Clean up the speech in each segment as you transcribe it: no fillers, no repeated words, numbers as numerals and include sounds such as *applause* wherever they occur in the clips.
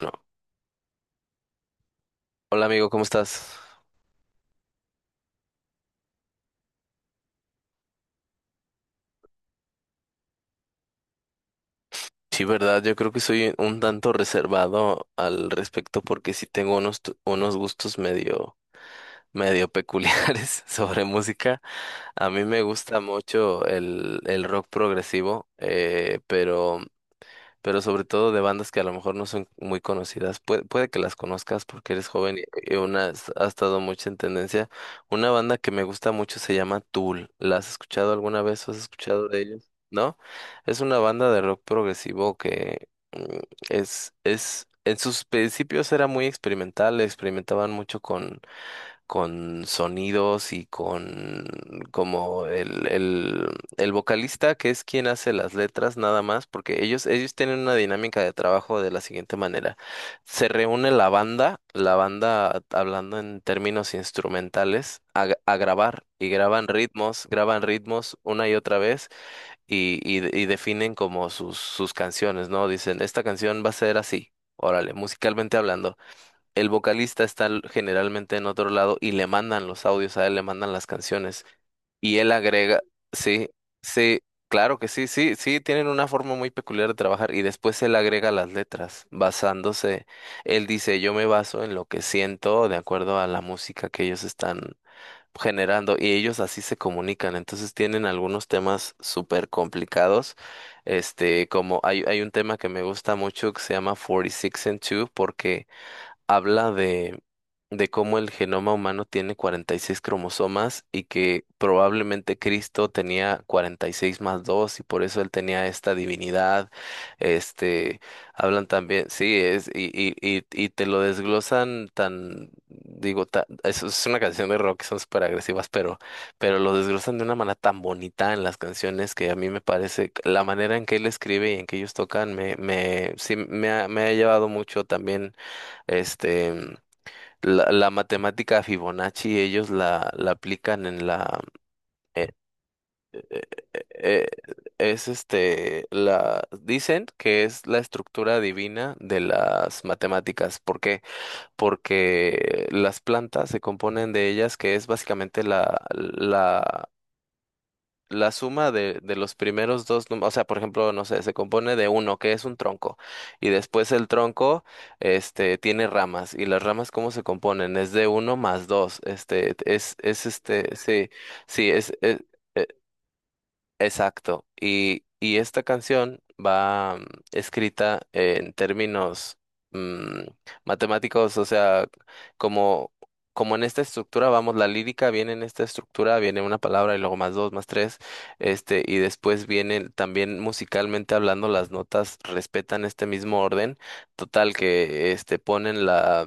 No. Hola amigo, ¿cómo estás? Sí, verdad, yo creo que soy un tanto reservado al respecto porque sí tengo unos, unos gustos medio, medio peculiares *laughs* sobre música. A mí me gusta mucho el rock progresivo, pero sobre todo de bandas que a lo mejor no son muy conocidas. Puede que las conozcas porque eres joven y ha estado mucho en tendencia. Una banda que me gusta mucho se llama Tool. ¿La has escuchado alguna vez? ¿Has escuchado de ellos? ¿No? Es una banda de rock progresivo que es, en sus principios era muy experimental, experimentaban mucho con sonidos y con como el vocalista que es quien hace las letras nada más, porque ellos tienen una dinámica de trabajo de la siguiente manera. Se reúne la banda hablando en términos instrumentales, a grabar y graban ritmos una y otra vez y definen como sus canciones, ¿no? Dicen, esta canción va a ser así. Órale, musicalmente hablando el vocalista generalmente en otro lado y le mandan los audios a él, le mandan las canciones y él agrega, sí, sí, claro que sí, sí, sí, tienen una forma muy peculiar de trabajar y después él agrega las letras basándose, él dice, yo me baso en lo que siento de acuerdo a la música que ellos están generando y ellos así se comunican, entonces tienen algunos temas súper complicados. Este, hay un tema que me gusta mucho que se llama 46 and Two porque habla de cómo el genoma humano tiene 46 cromosomas y que probablemente Cristo tenía 46 más 2 y por eso él tenía esta divinidad. Este, hablan también, sí, es, y te lo desglosan tan, digo, es una canción de rock, son súper agresivas, pero lo desglosan de una manera tan bonita en las canciones que a mí me parece, la manera en que él escribe y en que ellos tocan, sí, me ha llevado mucho también este, la matemática Fibonacci, la aplican en la... eh, eh, eh, eh, es este, la... Dicen que es la estructura divina de las matemáticas. ¿Por qué? Porque las plantas se componen de ellas, que es básicamente la, la suma de los primeros dos, o sea, por ejemplo, no sé, se compone de uno, que es un tronco, y después el tronco, este, tiene ramas, y las ramas, ¿cómo se componen? Es de uno más dos, este, sí, sí, exacto. Y esta canción va escrita en términos mm, matemáticos, o sea, como, como en esta estructura, vamos, la lírica viene en esta estructura, viene una palabra y luego más dos, más tres, este, y después vienen también musicalmente hablando, las notas respetan este mismo orden, total que este ponen la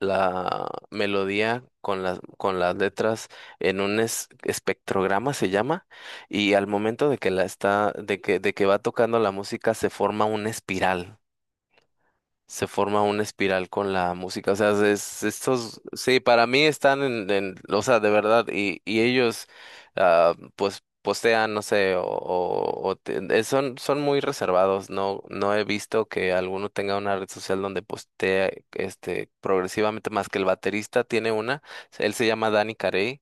la melodía con las letras en un espectrograma se llama, y al momento de que la está, de que va tocando la música se forma una espiral se forma una espiral con la música. O sea, es, estos, sí, para mí están en, o sea, de verdad, y ellos, ah, pues, postean, no sé, son, son muy reservados. No, no he visto que alguno tenga una red social donde postea, este, progresivamente más que el baterista tiene una. Él se llama Danny Carey.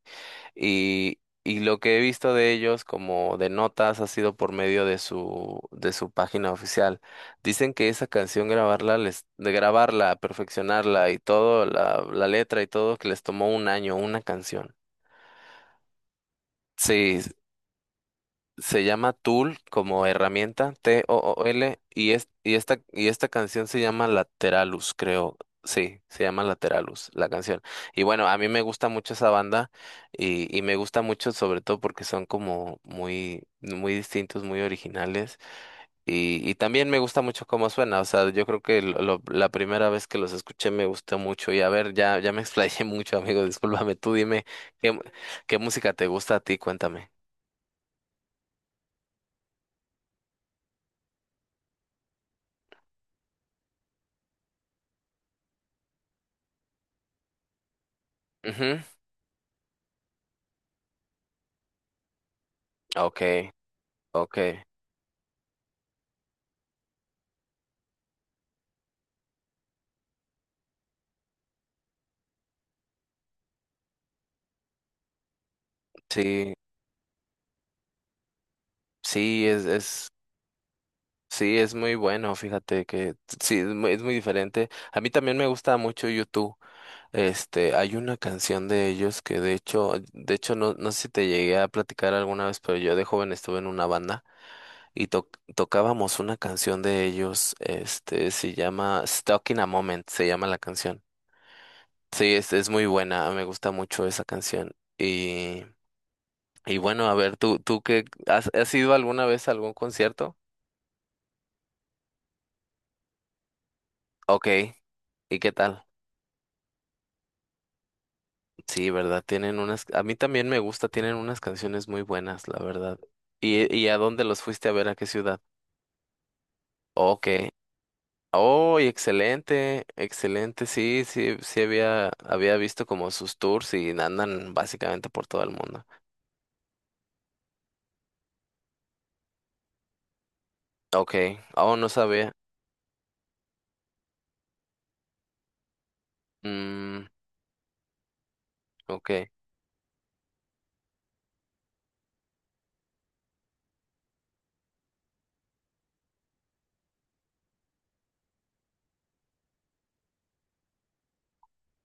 Y lo que he visto de ellos como de notas ha sido por medio de su página oficial. Dicen que esa canción grabarla, les, de grabarla, perfeccionarla y todo, la letra y todo, que les tomó 1 año, una canción. Sí, se llama Tool como herramienta, T-O-O-L, y esta canción se llama Lateralus, creo. Sí, se llama Lateralus, la canción. Y bueno, a mí me gusta mucho esa banda y me gusta mucho sobre todo porque son como muy, muy distintos, muy originales. Y también me gusta mucho cómo suena. O sea, yo creo que la primera vez que los escuché me gustó mucho. Y a ver, ya, ya me explayé *laughs* mucho, amigo. Discúlpame, tú dime qué, mu- qué música te gusta a ti, cuéntame. Ujú, ok. Ok, sí, sí, sí, es muy bueno, fíjate que sí, es muy diferente. A mí también me gusta mucho YouTube. Este, hay una canción de ellos que de hecho no, no sé si te llegué a platicar alguna vez, pero yo de joven estuve en una banda y tocábamos una canción de ellos, este, se llama Stuck in a Moment, se llama la canción. Sí, es muy buena, me gusta mucho esa canción. Y, y bueno, a ver, ¿ tú qué, has, has ido alguna vez a algún concierto? Ok, ¿y qué tal? Sí, ¿verdad? Tienen unas, a mí también me gusta, tienen unas canciones muy buenas, la verdad. Y a dónde los fuiste a ver? ¿A qué ciudad? Ok. Oh, y excelente, excelente, sí, sí, sí había, había visto como sus tours y andan básicamente por todo el mundo. Ok, oh, no sabía. Mm, ok.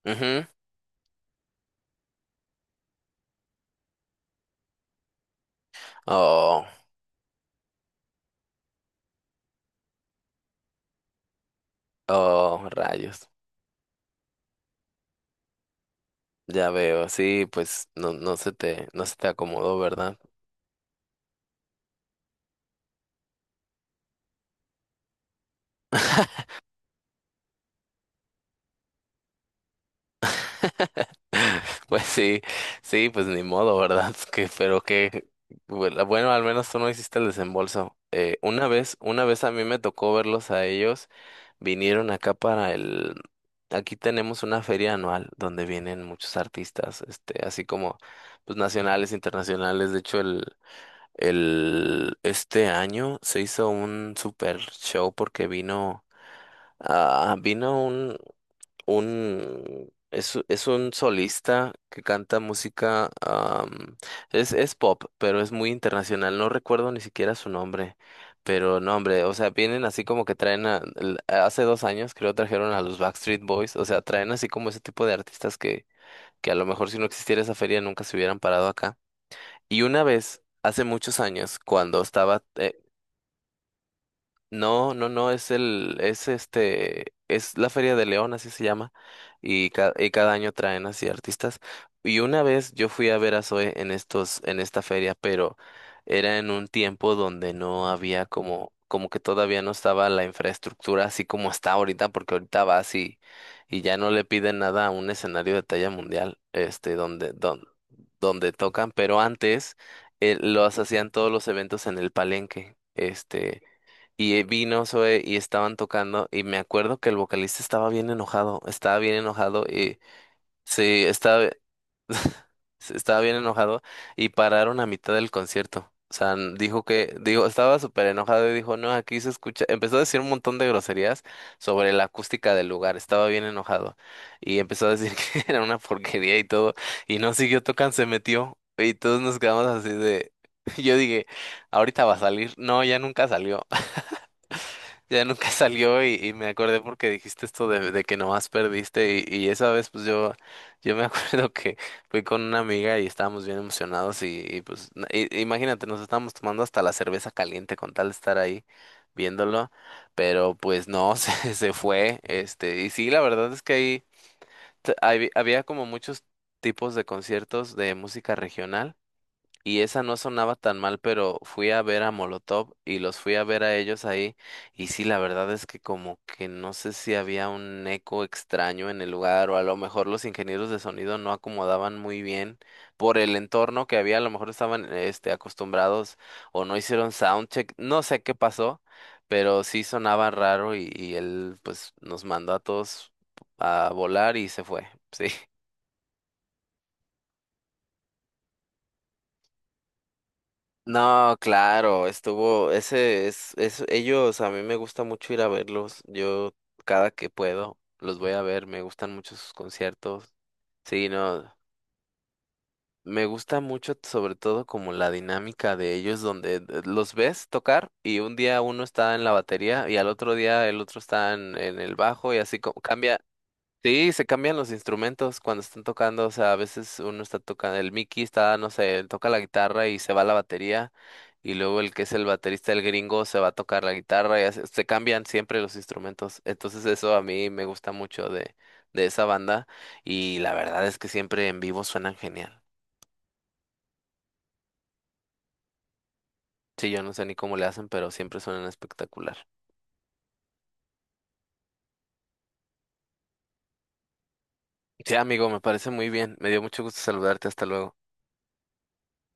Ujú. Oh, oh, rayos. Ya veo, sí, pues no, no se te acomodó, ¿verdad? *laughs* *laughs* Pues sí, sí, pues ni modo, ¿verdad? *laughs* Que, pero que, bueno, bueno, al menos tú no hiciste el desembolso. Una vez a mí me tocó verlos a ellos, vinieron acá para el, aquí tenemos una feria anual donde vienen muchos artistas, este, así como, pues nacionales, internacionales. De hecho, este año se hizo un super show porque vino ah, vino es un solista que canta música, am, es pop, pero es muy internacional, no recuerdo ni siquiera su nombre, pero no, hombre, o sea, vienen así como que traen, hace 2 años creo trajeron a los Backstreet Boys, o sea, traen así como ese tipo de artistas que a lo mejor si no existiera esa feria nunca se hubieran parado acá. Y una vez, hace muchos años, cuando estaba, no, no, no, es este, es la Feria de León, así se llama, y, y cada año traen así artistas. Y una vez yo fui a ver a Zoe en estos, en esta feria, pero era en un tiempo donde no había como, como que todavía no estaba la infraestructura así como está ahorita, porque ahorita va así y ya no le piden nada a un escenario de talla mundial, este, donde, donde, donde tocan, pero antes los hacían todos los eventos en el Palenque, este. Y vino Zoe y estaban tocando y me acuerdo que el vocalista estaba bien enojado y sí, estaba, *laughs* sí, estaba bien enojado y pararon a mitad del concierto. O sea, dijo que, digo, estaba súper enojado y dijo, no, aquí se escucha, empezó a decir un montón de groserías sobre la acústica del lugar, estaba bien enojado y empezó a decir *laughs* que era una porquería y todo y no siguió tocando, se metió y todos nos quedamos así de, *laughs* yo dije, ahorita va a salir, no, ya nunca salió. Ya nunca *laughs* salió y me acordé porque dijiste esto de que nomás perdiste y esa vez pues yo me *laughs* acuerdo que fui con una amiga y estábamos bien emocionados y, pues imagínate, nos estábamos tomando hasta la cerveza caliente con tal de estar ahí viéndolo, pero pues no, *laughs* se fue, este, y sí, la verdad es que ahí había como muchos tipos de conciertos de música regional. Y esa no sonaba tan mal, pero fui a ver a Molotov y los fui a ver a ellos ahí. Y sí, la verdad es que como que no sé si había un eco extraño en el lugar o a lo mejor los ingenieros de sonido no acomodaban muy bien por el entorno que había. A lo mejor estaban este, acostumbrados o no hicieron soundcheck. No sé qué pasó, pero sí sonaba raro y él pues nos mandó a todos a volar y se fue. *laughs* Sí. No, claro, estuvo, ellos, a mí me gusta mucho ir a verlos, yo cada que puedo los voy a ver, me gustan mucho sus conciertos, sí, no, me gusta mucho sobre todo como la dinámica de ellos donde los ves tocar y un día uno está en la batería y al otro día el otro está en el bajo y así como cambia, sí, se cambian los instrumentos cuando están tocando, o sea, a veces uno está tocando, el Mickey está, no sé, toca la guitarra y se va la batería, y luego el que es el baterista, el gringo, se va a tocar la guitarra, se cambian siempre los instrumentos, entonces eso a mí me gusta mucho de esa banda, y la verdad es que siempre en vivo suenan genial. Sí, yo no sé ni cómo le hacen, pero siempre suenan espectacular. Sí, amigo, me parece muy bien, me dio mucho gusto saludarte, hasta luego.